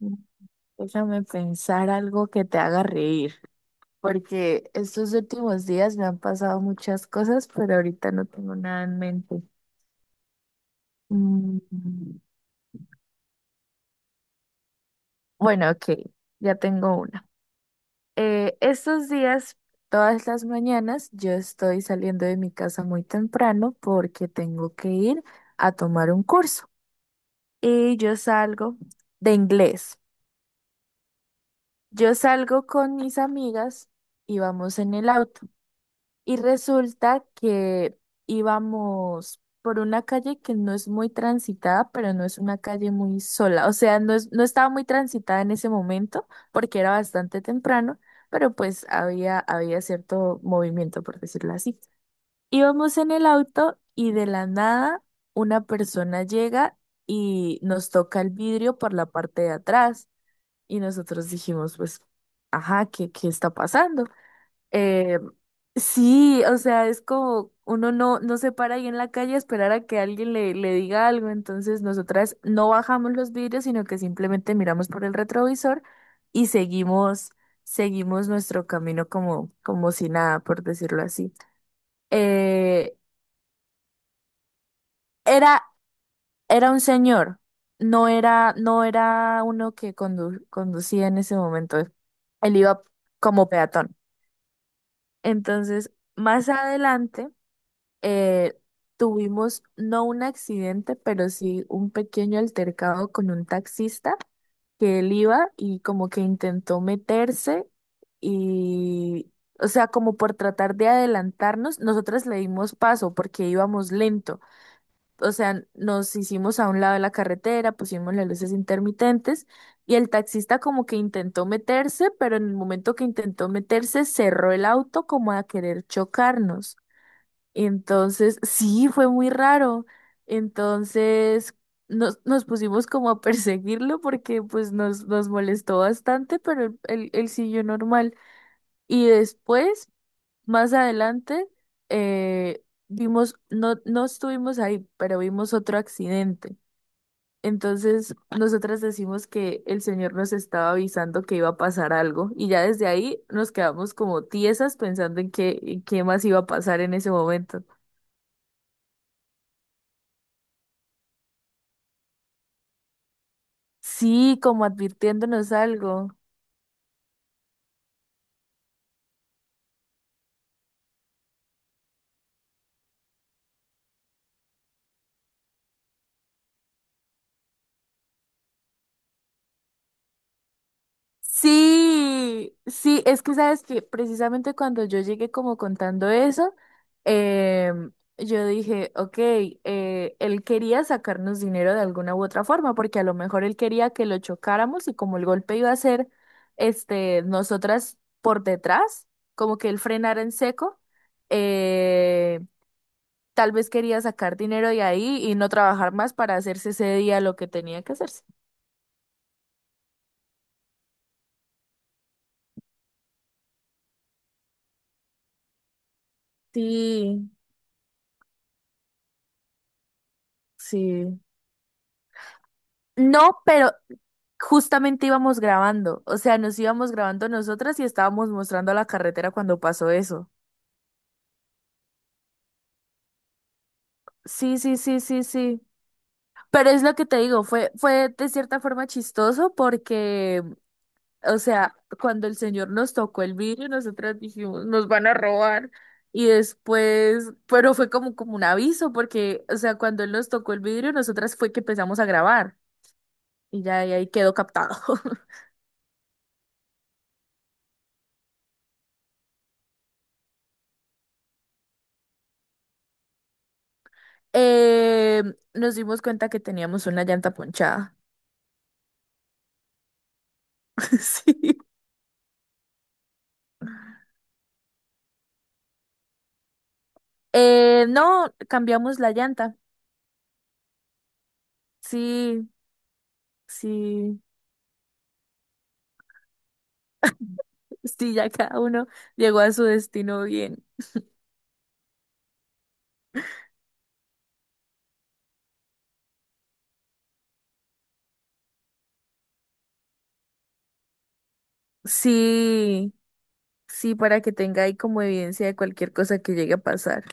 Mm, Déjame pensar algo que te haga reír, porque estos últimos días me han pasado muchas cosas, pero ahorita no tengo nada en mente. Mm, Bueno, ok, ya tengo una. Estos días, todas las mañanas, yo estoy saliendo de mi casa muy temprano porque tengo que ir a tomar un curso y yo salgo de inglés. Yo salgo con mis amigas y vamos en el auto. Y resulta que íbamos por una calle que no es muy transitada, pero no es una calle muy sola. O sea, no estaba muy transitada en ese momento porque era bastante temprano, pero pues había cierto movimiento, por decirlo así. Íbamos en el auto y de la nada una persona llega y nos toca el vidrio por la parte de atrás. Y nosotros dijimos, pues, ajá, ¿qué está pasando? Eh, sí, o sea, es como uno no se para ahí en la calle a esperar a que alguien le diga algo, entonces nosotras no bajamos los vidrios, sino que simplemente miramos por el retrovisor y seguimos nuestro camino como si nada, por decirlo así. Eh, era, era un señor, no era uno que conducía en ese momento, él iba como peatón. Entonces, más adelante, eh, tuvimos no un accidente, pero sí un pequeño altercado con un taxista que él iba y como que intentó meterse y, o sea, como por tratar de adelantarnos, nosotras le dimos paso porque íbamos lento. O sea, nos hicimos a un lado de la carretera, pusimos las luces intermitentes y el taxista como que intentó meterse, pero en el momento que intentó meterse cerró el auto como a querer chocarnos. Entonces, sí, fue muy raro. Entonces, nos pusimos como a perseguirlo porque pues nos molestó bastante, pero él siguió normal. Y después, más adelante, eh, vimos, no estuvimos ahí, pero vimos otro accidente. Entonces, nosotras decimos que el señor nos estaba avisando que iba a pasar algo y ya desde ahí nos quedamos como tiesas pensando en qué más iba a pasar en ese momento. Sí, como advirtiéndonos algo. Sí, sí, es que sabes que precisamente cuando yo llegué como contando eso, em, yo dije, ok, él quería sacarnos dinero de alguna u otra forma, porque a lo mejor él quería que lo chocáramos y como el golpe iba a ser, este, nosotras por detrás, como que él frenara en seco, eh, tal vez quería sacar dinero de ahí y no trabajar más para hacerse ese día lo que tenía que hacerse. Sí, sí. No, pero justamente íbamos grabando, o sea, nos íbamos grabando nosotras y estábamos mostrando la carretera cuando pasó eso. Sí, sí, sí, sí, sí. Pero es lo que te digo, fue de cierta forma chistoso porque, o sea, cuando el señor nos tocó el vidrio, nosotras dijimos, nos van a robar. Y después, pero fue como, como un aviso porque, o sea, cuando él nos tocó el vidrio, nosotras fue que empezamos a grabar y ya y ahí quedó captado. Eh, Nos dimos cuenta que teníamos una llanta ponchada. Sí. No, cambiamos la llanta. Sí, sí, sí, ya cada uno llegó a su destino bien. Sí, sí, para que tenga ahí como evidencia de cualquier cosa que llegue a pasar.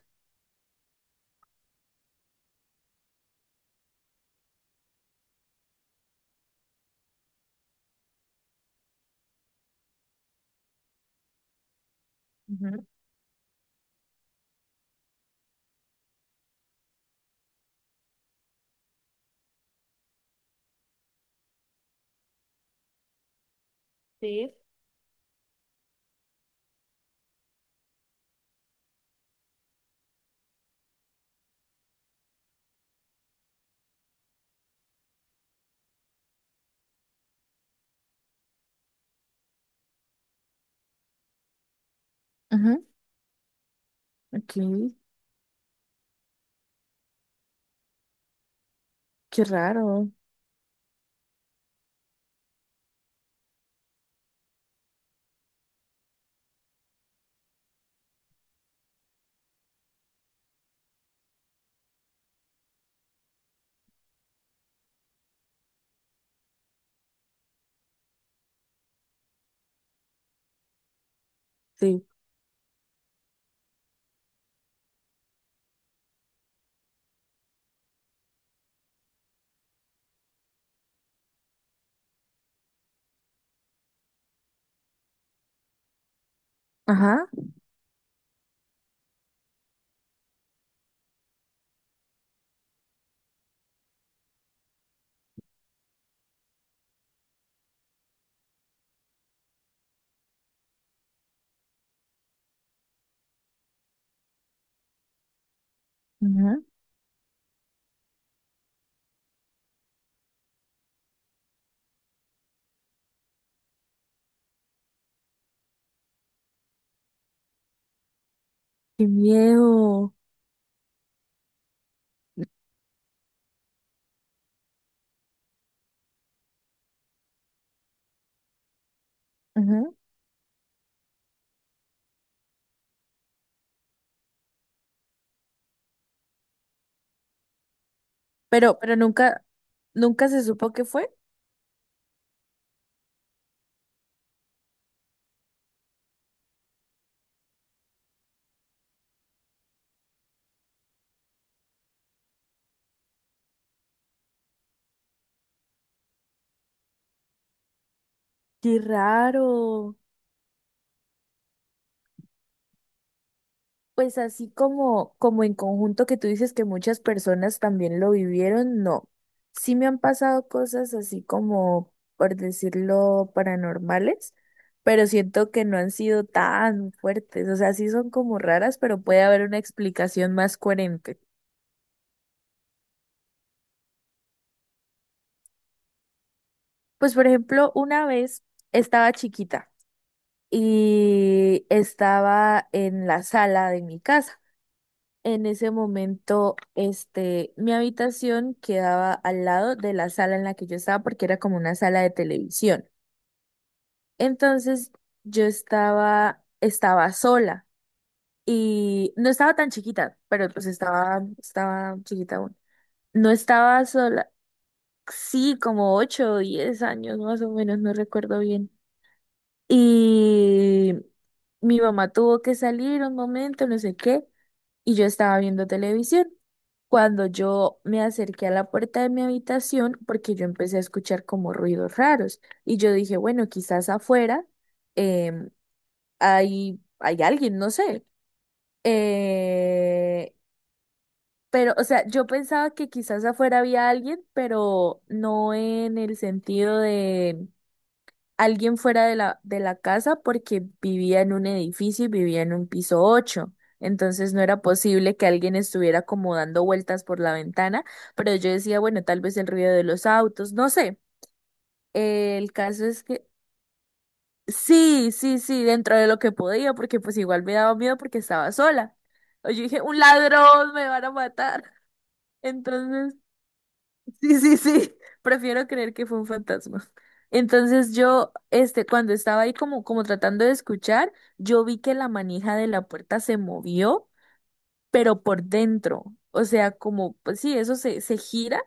Ujú. Sí. Ujú, ok, qué raro. Sí. Ajá. Ujú. Qué miedo. Ujú. Pero nunca se supo qué fue. Qué raro. Pues así como en conjunto que tú dices que muchas personas también lo vivieron, no. Sí me han pasado cosas así como, por decirlo, paranormales, pero siento que no han sido tan fuertes. O sea, sí son como raras, pero puede haber una explicación más coherente. Pues por ejemplo, una vez estaba chiquita y estaba en la sala de mi casa. En ese momento, este, mi habitación quedaba al lado de la sala en la que yo estaba porque era como una sala de televisión. Entonces, yo estaba sola y no estaba tan chiquita, pero pues estaba chiquita aún. No estaba sola, sí, como 8 o 10 años más o menos, no recuerdo bien. Y mi mamá tuvo que salir un momento, no sé qué, y yo estaba viendo televisión. Cuando yo me acerqué a la puerta de mi habitación, porque yo empecé a escuchar como ruidos raros, y yo dije, bueno, quizás afuera em, hay alguien, no sé. Eh, pero, o sea, yo pensaba que quizás afuera había alguien, pero no en el sentido de alguien fuera de la casa porque vivía en un edificio y vivía en un piso 8. Entonces no era posible que alguien estuviera como dando vueltas por la ventana, pero yo decía, bueno, tal vez el ruido de los autos, no sé. El caso es que sí, sí, sí, dentro de lo que podía, porque pues igual me daba miedo porque estaba sola. O yo dije, un ladrón, me van a matar. Entonces sí, sí, sí. Prefiero creer que fue un fantasma. Entonces yo, este, cuando estaba ahí como tratando de escuchar, yo vi que la manija de la puerta se movió, pero por dentro. O sea, como, pues sí, eso se, se gira,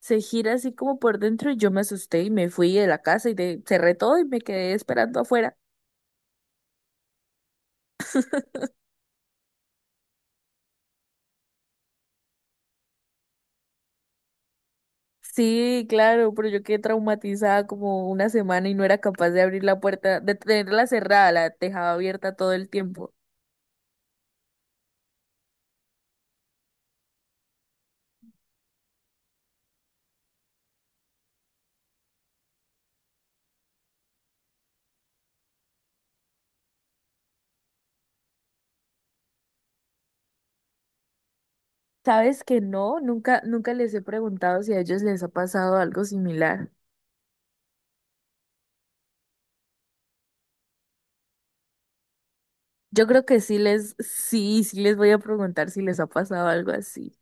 se gira así como por dentro y yo me asusté y me fui de la casa y cerré todo y me quedé esperando afuera. Sí, claro, pero yo quedé traumatizada como una semana y no era capaz de abrir la puerta, de tenerla cerrada, la dejaba abierta todo el tiempo. Sabes que no, nunca les he preguntado si a ellos les ha pasado algo similar. Yo creo que sí les voy a preguntar si les ha pasado algo así.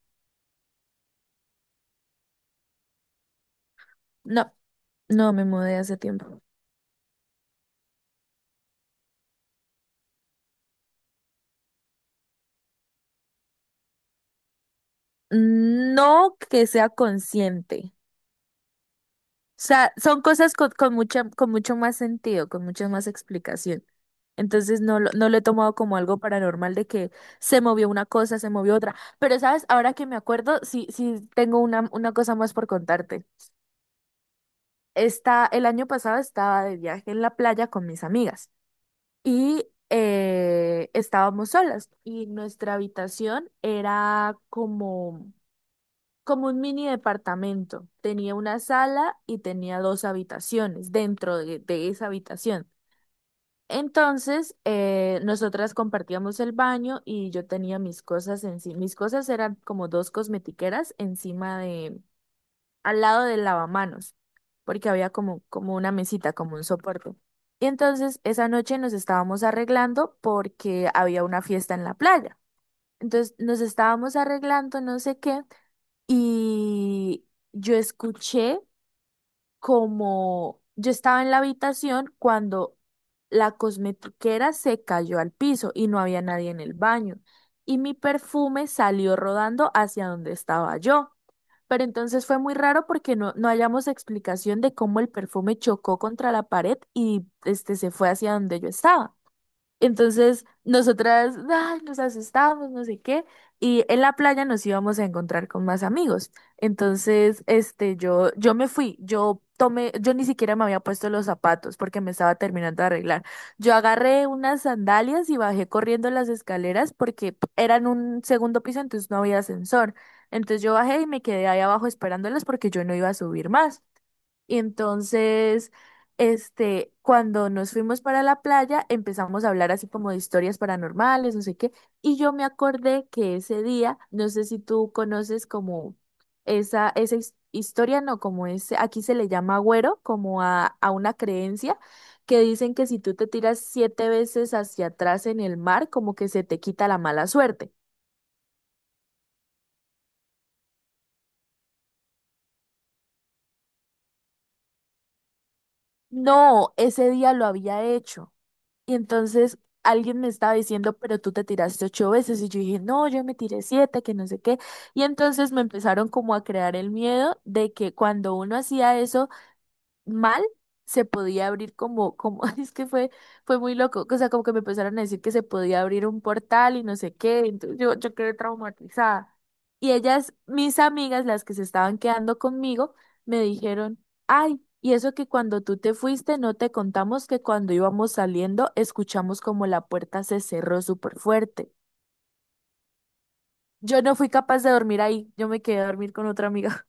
No, no me mudé hace tiempo. No que sea consciente. O sea, son cosas con mucho más sentido, con mucha más explicación. Entonces no lo he tomado como algo paranormal de que se movió una cosa, se movió otra. Pero sabes, ahora que me acuerdo, sí tengo una cosa más por contarte. El año pasado estaba de viaje en la playa con mis amigas y estábamos solas y nuestra habitación era como un mini departamento. Tenía una sala y tenía dos habitaciones dentro de esa habitación. Entonces, nosotras compartíamos el baño y yo tenía mis cosas encima. Mis cosas eran como dos cosmetiqueras encima de al lado del lavamanos, porque había como una mesita, como un soporte. Y entonces esa noche nos estábamos arreglando porque había una fiesta en la playa. Entonces nos estábamos arreglando, no sé qué, y yo escuché como yo estaba en la habitación cuando la cosmetiquera se cayó al piso y no había nadie en el baño. Y mi perfume salió rodando hacia donde estaba yo. Pero entonces fue muy raro porque no hallamos explicación de cómo el perfume chocó contra la pared y este se fue hacia donde yo estaba. Entonces, nosotras, ay, nos asustamos, no sé qué, y en la playa nos íbamos a encontrar con más amigos. Entonces, este, yo me fui, yo ni siquiera me había puesto los zapatos porque me estaba terminando de arreglar. Yo agarré unas sandalias y bajé corriendo las escaleras porque eran un segundo piso, entonces no había ascensor. Entonces yo bajé y me quedé ahí abajo esperándolas porque yo no iba a subir más. Y entonces este, cuando nos fuimos para la playa, empezamos a hablar así como de historias paranormales, no sé qué, y yo me acordé que ese día, no sé si tú conoces como esa historia, no, como ese, aquí se le llama agüero, como a una creencia que dicen que si tú te tiras siete veces hacia atrás en el mar, como que se te quita la mala suerte. No, ese día lo había hecho. Y entonces alguien me estaba diciendo, pero tú te tiraste ocho veces. Y yo dije, no, yo me tiré siete, que no sé qué. Y entonces me empezaron como a crear el miedo de que cuando uno hacía eso, mal se podía abrir como, es que fue muy loco, o sea, como que me empezaron a decir que se podía abrir un portal y no sé qué, entonces yo quedé traumatizada. Y ellas, mis amigas, las que se estaban quedando conmigo, me dijeron, ay, y eso que cuando tú te fuiste, no te contamos que cuando íbamos saliendo, escuchamos como la puerta se cerró súper fuerte. Yo no fui capaz de dormir ahí, yo me quedé a dormir con otra amiga.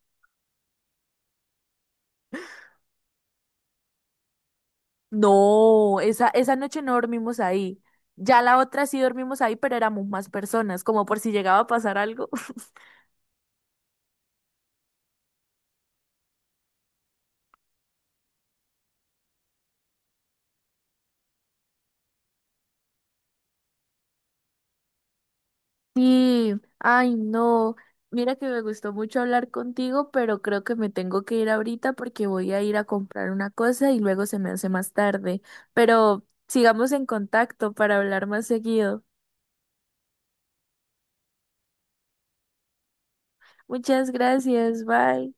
No, esa noche no dormimos ahí. Ya la otra sí dormimos ahí, pero éramos más personas, como por si llegaba a pasar algo. Sí, ay, no. Mira que me gustó mucho hablar contigo, pero creo que me tengo que ir ahorita porque voy a ir a comprar una cosa y luego se me hace más tarde. Pero sigamos en contacto para hablar más seguido. Muchas gracias, bye.